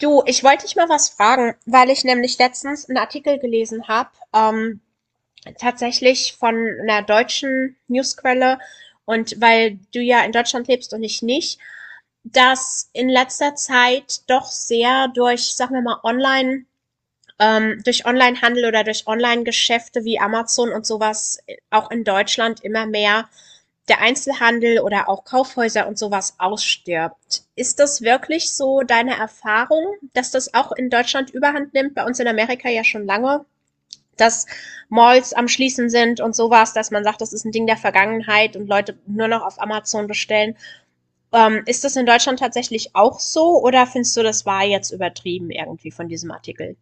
Du, ich wollte dich mal was fragen, weil ich nämlich letztens einen Artikel gelesen habe, tatsächlich von einer deutschen Newsquelle und weil du ja in Deutschland lebst und ich nicht, dass in letzter Zeit doch sehr durch, sagen wir mal, Online durch Onlinehandel oder durch Onlinegeschäfte wie Amazon und sowas auch in Deutschland immer mehr der Einzelhandel oder auch Kaufhäuser und sowas ausstirbt. Ist das wirklich so deine Erfahrung, dass das auch in Deutschland überhand nimmt? Bei uns in Amerika ja schon lange, dass Malls am Schließen sind und sowas, dass man sagt, das ist ein Ding der Vergangenheit und Leute nur noch auf Amazon bestellen. Ist das in Deutschland tatsächlich auch so oder findest du, das war jetzt übertrieben irgendwie von diesem Artikel?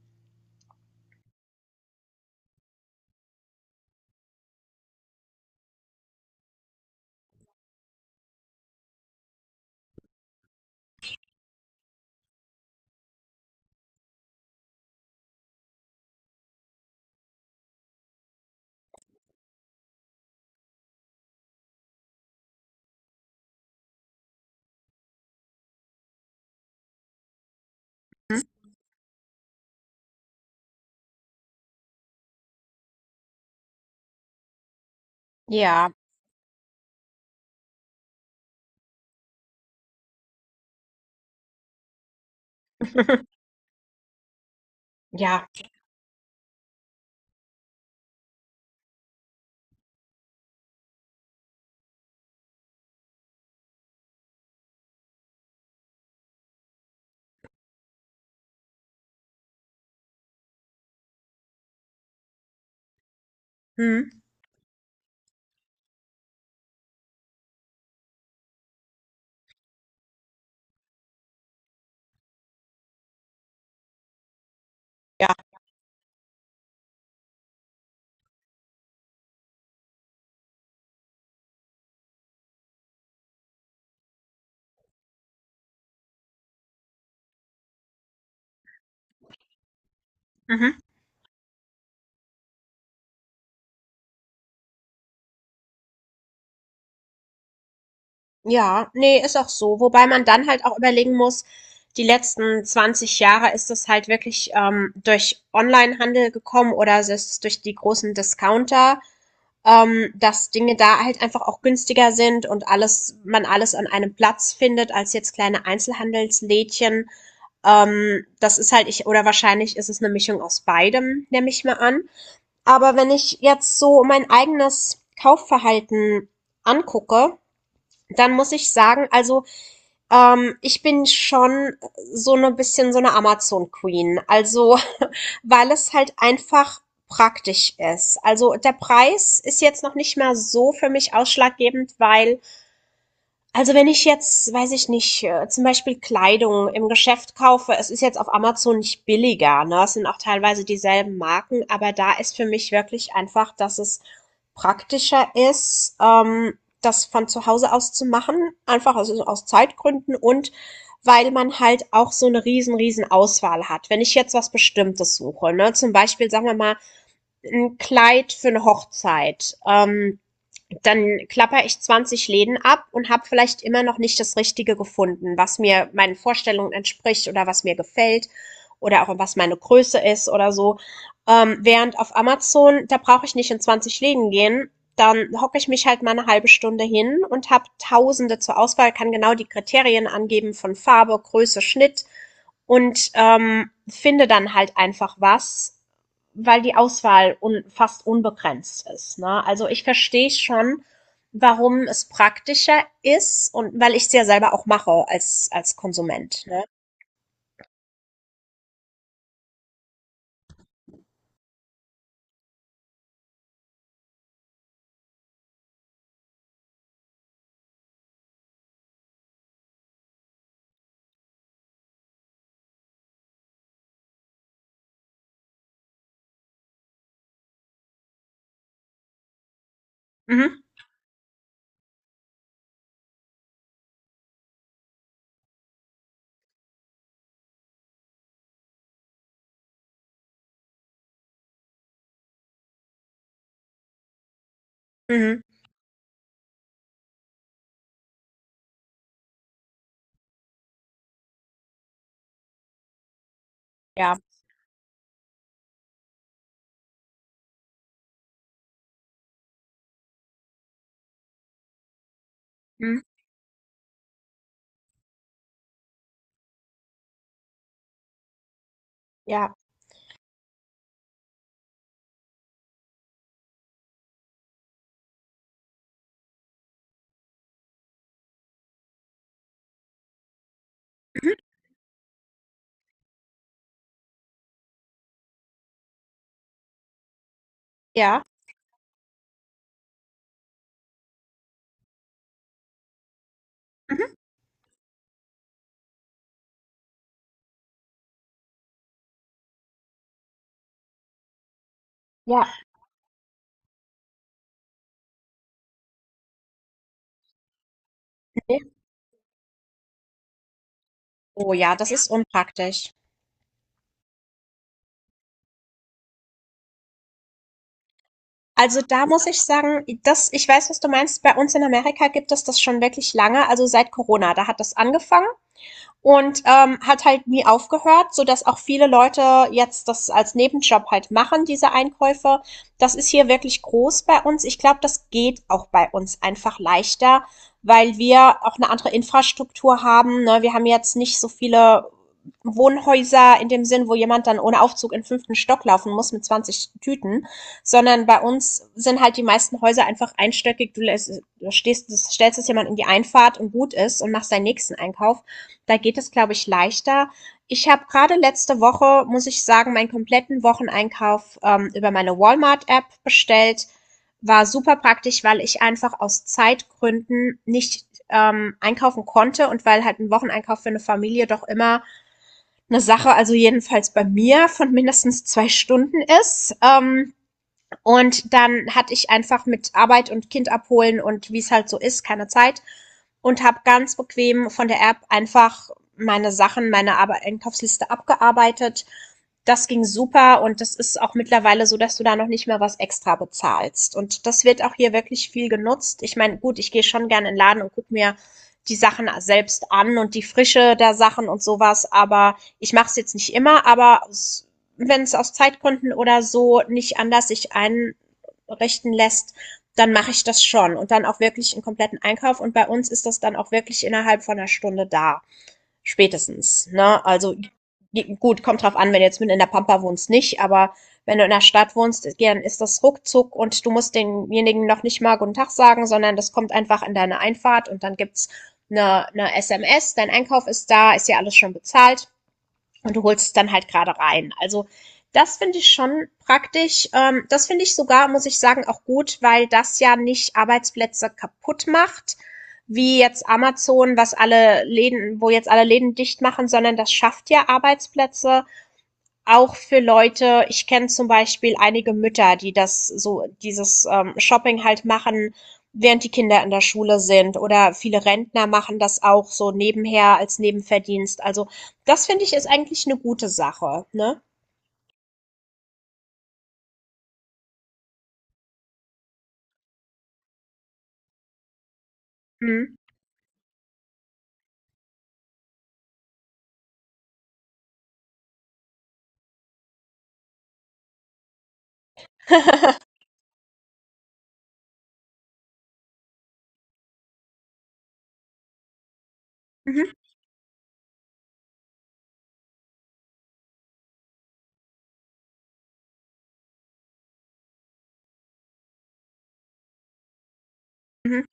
Hm? Ja, ja, hm? Ja. Mhm. Ja, nee, ist auch so. Wobei man dann halt auch überlegen muss, die letzten 20 Jahre ist das halt wirklich durch Onlinehandel gekommen oder es ist durch die großen Discounter, dass Dinge da halt einfach auch günstiger sind und alles, man alles an einem Platz findet, als jetzt kleine Einzelhandelslädchen. Das ist halt ich, oder wahrscheinlich ist es eine Mischung aus beidem, nehme ich mal an. Aber wenn ich jetzt so mein eigenes Kaufverhalten angucke, dann muss ich sagen, also ich bin schon so 'ne bisschen so 'ne Amazon Queen, also, weil es halt einfach praktisch ist. Also, der Preis ist jetzt noch nicht mehr so für mich ausschlaggebend, weil also wenn ich jetzt, weiß ich nicht, zum Beispiel Kleidung im Geschäft kaufe, es ist jetzt auf Amazon nicht billiger, ne? Es sind auch teilweise dieselben Marken, aber da ist für mich wirklich einfach, dass es praktischer ist, das von zu Hause aus zu machen, einfach aus Zeitgründen und weil man halt auch so eine riesen, riesen Auswahl hat. Wenn ich jetzt was Bestimmtes suche, ne? Zum Beispiel, sagen wir mal, ein Kleid für eine Hochzeit. Dann klapper ich 20 Läden ab und habe vielleicht immer noch nicht das Richtige gefunden, was mir meinen Vorstellungen entspricht oder was mir gefällt oder auch was meine Größe ist oder so. Während auf Amazon, da brauche ich nicht in 20 Läden gehen. Dann hocke ich mich halt mal eine halbe Stunde hin und habe Tausende zur Auswahl, kann genau die Kriterien angeben von Farbe, Größe, Schnitt und finde dann halt einfach was, weil die Auswahl un fast unbegrenzt ist. Ne? Also ich verstehe schon, warum es praktischer ist und weil ich es ja selber auch mache als Konsument. Ne? Mhm, mhm, ja, mhm, ja, mhm, ja, mhm, ja. Nee. Oh ja, das ist unpraktisch. Also da muss ich sagen, das, ich weiß, was du meinst. Bei uns in Amerika gibt es das schon wirklich lange. Also seit Corona, da hat das angefangen. Und hat halt nie aufgehört, so dass auch viele Leute jetzt das als Nebenjob halt machen, diese Einkäufe. Das ist hier wirklich groß bei uns. Ich glaube, das geht auch bei uns einfach leichter, weil wir auch eine andere Infrastruktur haben. Ne? Wir haben jetzt nicht so viele Wohnhäuser in dem Sinn, wo jemand dann ohne Aufzug in den fünften Stock laufen muss mit 20 Tüten, sondern bei uns sind halt die meisten Häuser einfach einstöckig. Stellst es jemand in die Einfahrt und gut ist und machst deinen nächsten Einkauf. Da geht es, glaube ich, leichter. Ich habe gerade letzte Woche, muss ich sagen, meinen kompletten Wocheneinkauf über meine Walmart-App bestellt. War super praktisch, weil ich einfach aus Zeitgründen nicht einkaufen konnte und weil halt ein Wocheneinkauf für eine Familie doch immer eine Sache, also jedenfalls bei mir, von mindestens 2 Stunden ist. Und dann hatte ich einfach mit Arbeit und Kind abholen und wie es halt so ist, keine Zeit. Und habe ganz bequem von der App einfach meine Einkaufsliste abgearbeitet. Das ging super und das ist auch mittlerweile so, dass du da noch nicht mehr was extra bezahlst. Und das wird auch hier wirklich viel genutzt. Ich meine, gut, ich gehe schon gerne in den Laden und guck mir die Sachen selbst an und die Frische der Sachen und sowas, aber ich mache es jetzt nicht immer, aber wenn es aus Zeitgründen oder so nicht anders sich einrichten lässt, dann mache ich das schon und dann auch wirklich einen kompletten Einkauf. Und bei uns ist das dann auch wirklich innerhalb von einer Stunde da, spätestens. Ne? Also gut, kommt drauf an, wenn du jetzt mit in der Pampa wohnst, nicht, aber wenn du in der Stadt wohnst, dann ist das ruckzuck und du musst denjenigen noch nicht mal guten Tag sagen, sondern das kommt einfach in deine Einfahrt und dann gibt's eine SMS, dein Einkauf ist da, ist ja alles schon bezahlt und du holst es dann halt gerade rein. Also das finde ich schon praktisch. Das finde ich sogar, muss ich sagen, auch gut, weil das ja nicht Arbeitsplätze kaputt macht, wie jetzt Amazon, was alle Läden, wo jetzt alle Läden dicht machen, sondern das schafft ja Arbeitsplätze auch für Leute ich kenne zum Beispiel einige Mütter, die das so dieses, Shopping halt machen, während die Kinder in der Schule sind, oder viele Rentner machen das auch so nebenher als Nebenverdienst. Also, das finde ich ist eigentlich eine gute Sache, ne? Mhm. Mhm, mhm.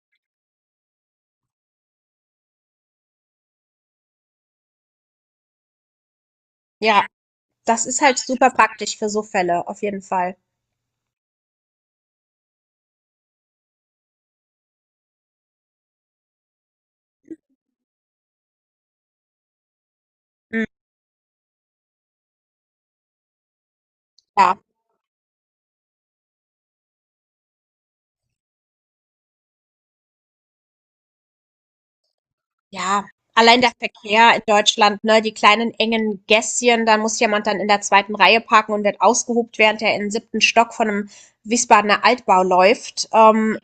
Ja, das ist halt super praktisch für so Fälle, auf jeden Fall. Mhm, ja. Ja, allein der Verkehr in Deutschland, ne, die kleinen engen Gässchen, da muss jemand dann in der zweiten Reihe parken und wird ausgehupt, während er in den siebten Stock von einem Wiesbadener Altbau läuft.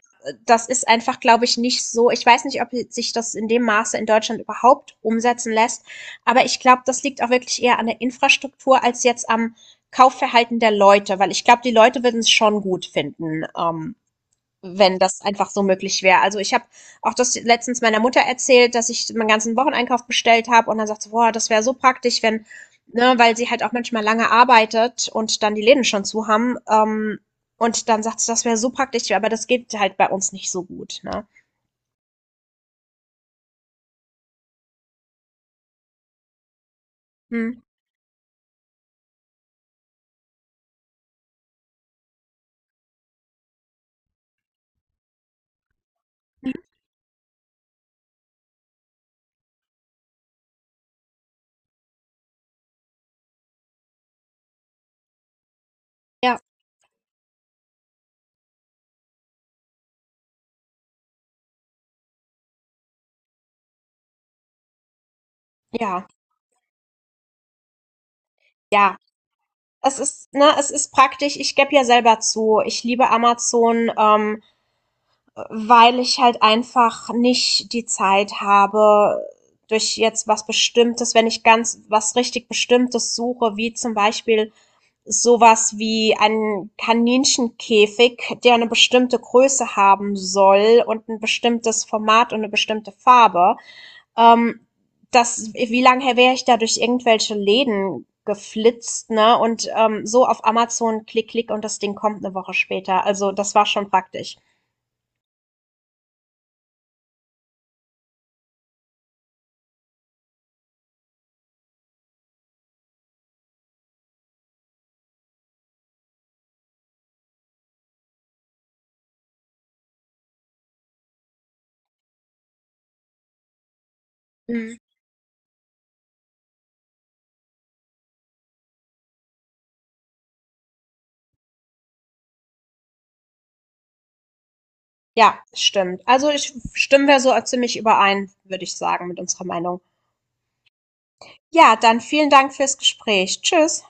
Das ist einfach, glaube ich, nicht so. Ich weiß nicht, ob sich das in dem Maße in Deutschland überhaupt umsetzen lässt, aber ich glaube, das liegt auch wirklich eher an der Infrastruktur als jetzt am Kaufverhalten der Leute, weil ich glaube, die Leute würden es schon gut finden. Wenn das einfach so möglich wäre. Also ich habe auch das letztens meiner Mutter erzählt, dass ich meinen ganzen Wocheneinkauf bestellt habe und dann sagt sie, boah, das wäre so praktisch, wenn, ne, weil sie halt auch manchmal lange arbeitet und dann die Läden schon zu haben. Und dann sagt sie, das wäre so praktisch, aber das geht halt bei uns nicht so gut. Ne? Hm. Ja, ja, ja. Es ist, ne, es ist praktisch. Ich gebe ja selber zu. Ich liebe Amazon. Weil ich halt einfach nicht die Zeit habe, durch jetzt was Bestimmtes, wenn ich ganz was richtig Bestimmtes suche, wie zum Beispiel sowas wie ein Kaninchenkäfig, der eine bestimmte Größe haben soll und ein bestimmtes Format und eine bestimmte Farbe. Ähm, Das, wie lange wäre ich da durch irgendwelche Läden geflitzt, ne? Und so auf Amazon klick, klick und das Ding kommt eine Woche später. Also das war schon praktisch. Mhm. Ja, stimmt. Also ich stimmen wir so ziemlich überein, würde ich sagen, mit unserer Meinung. Ja, dann vielen Dank fürs Gespräch. Tschüss.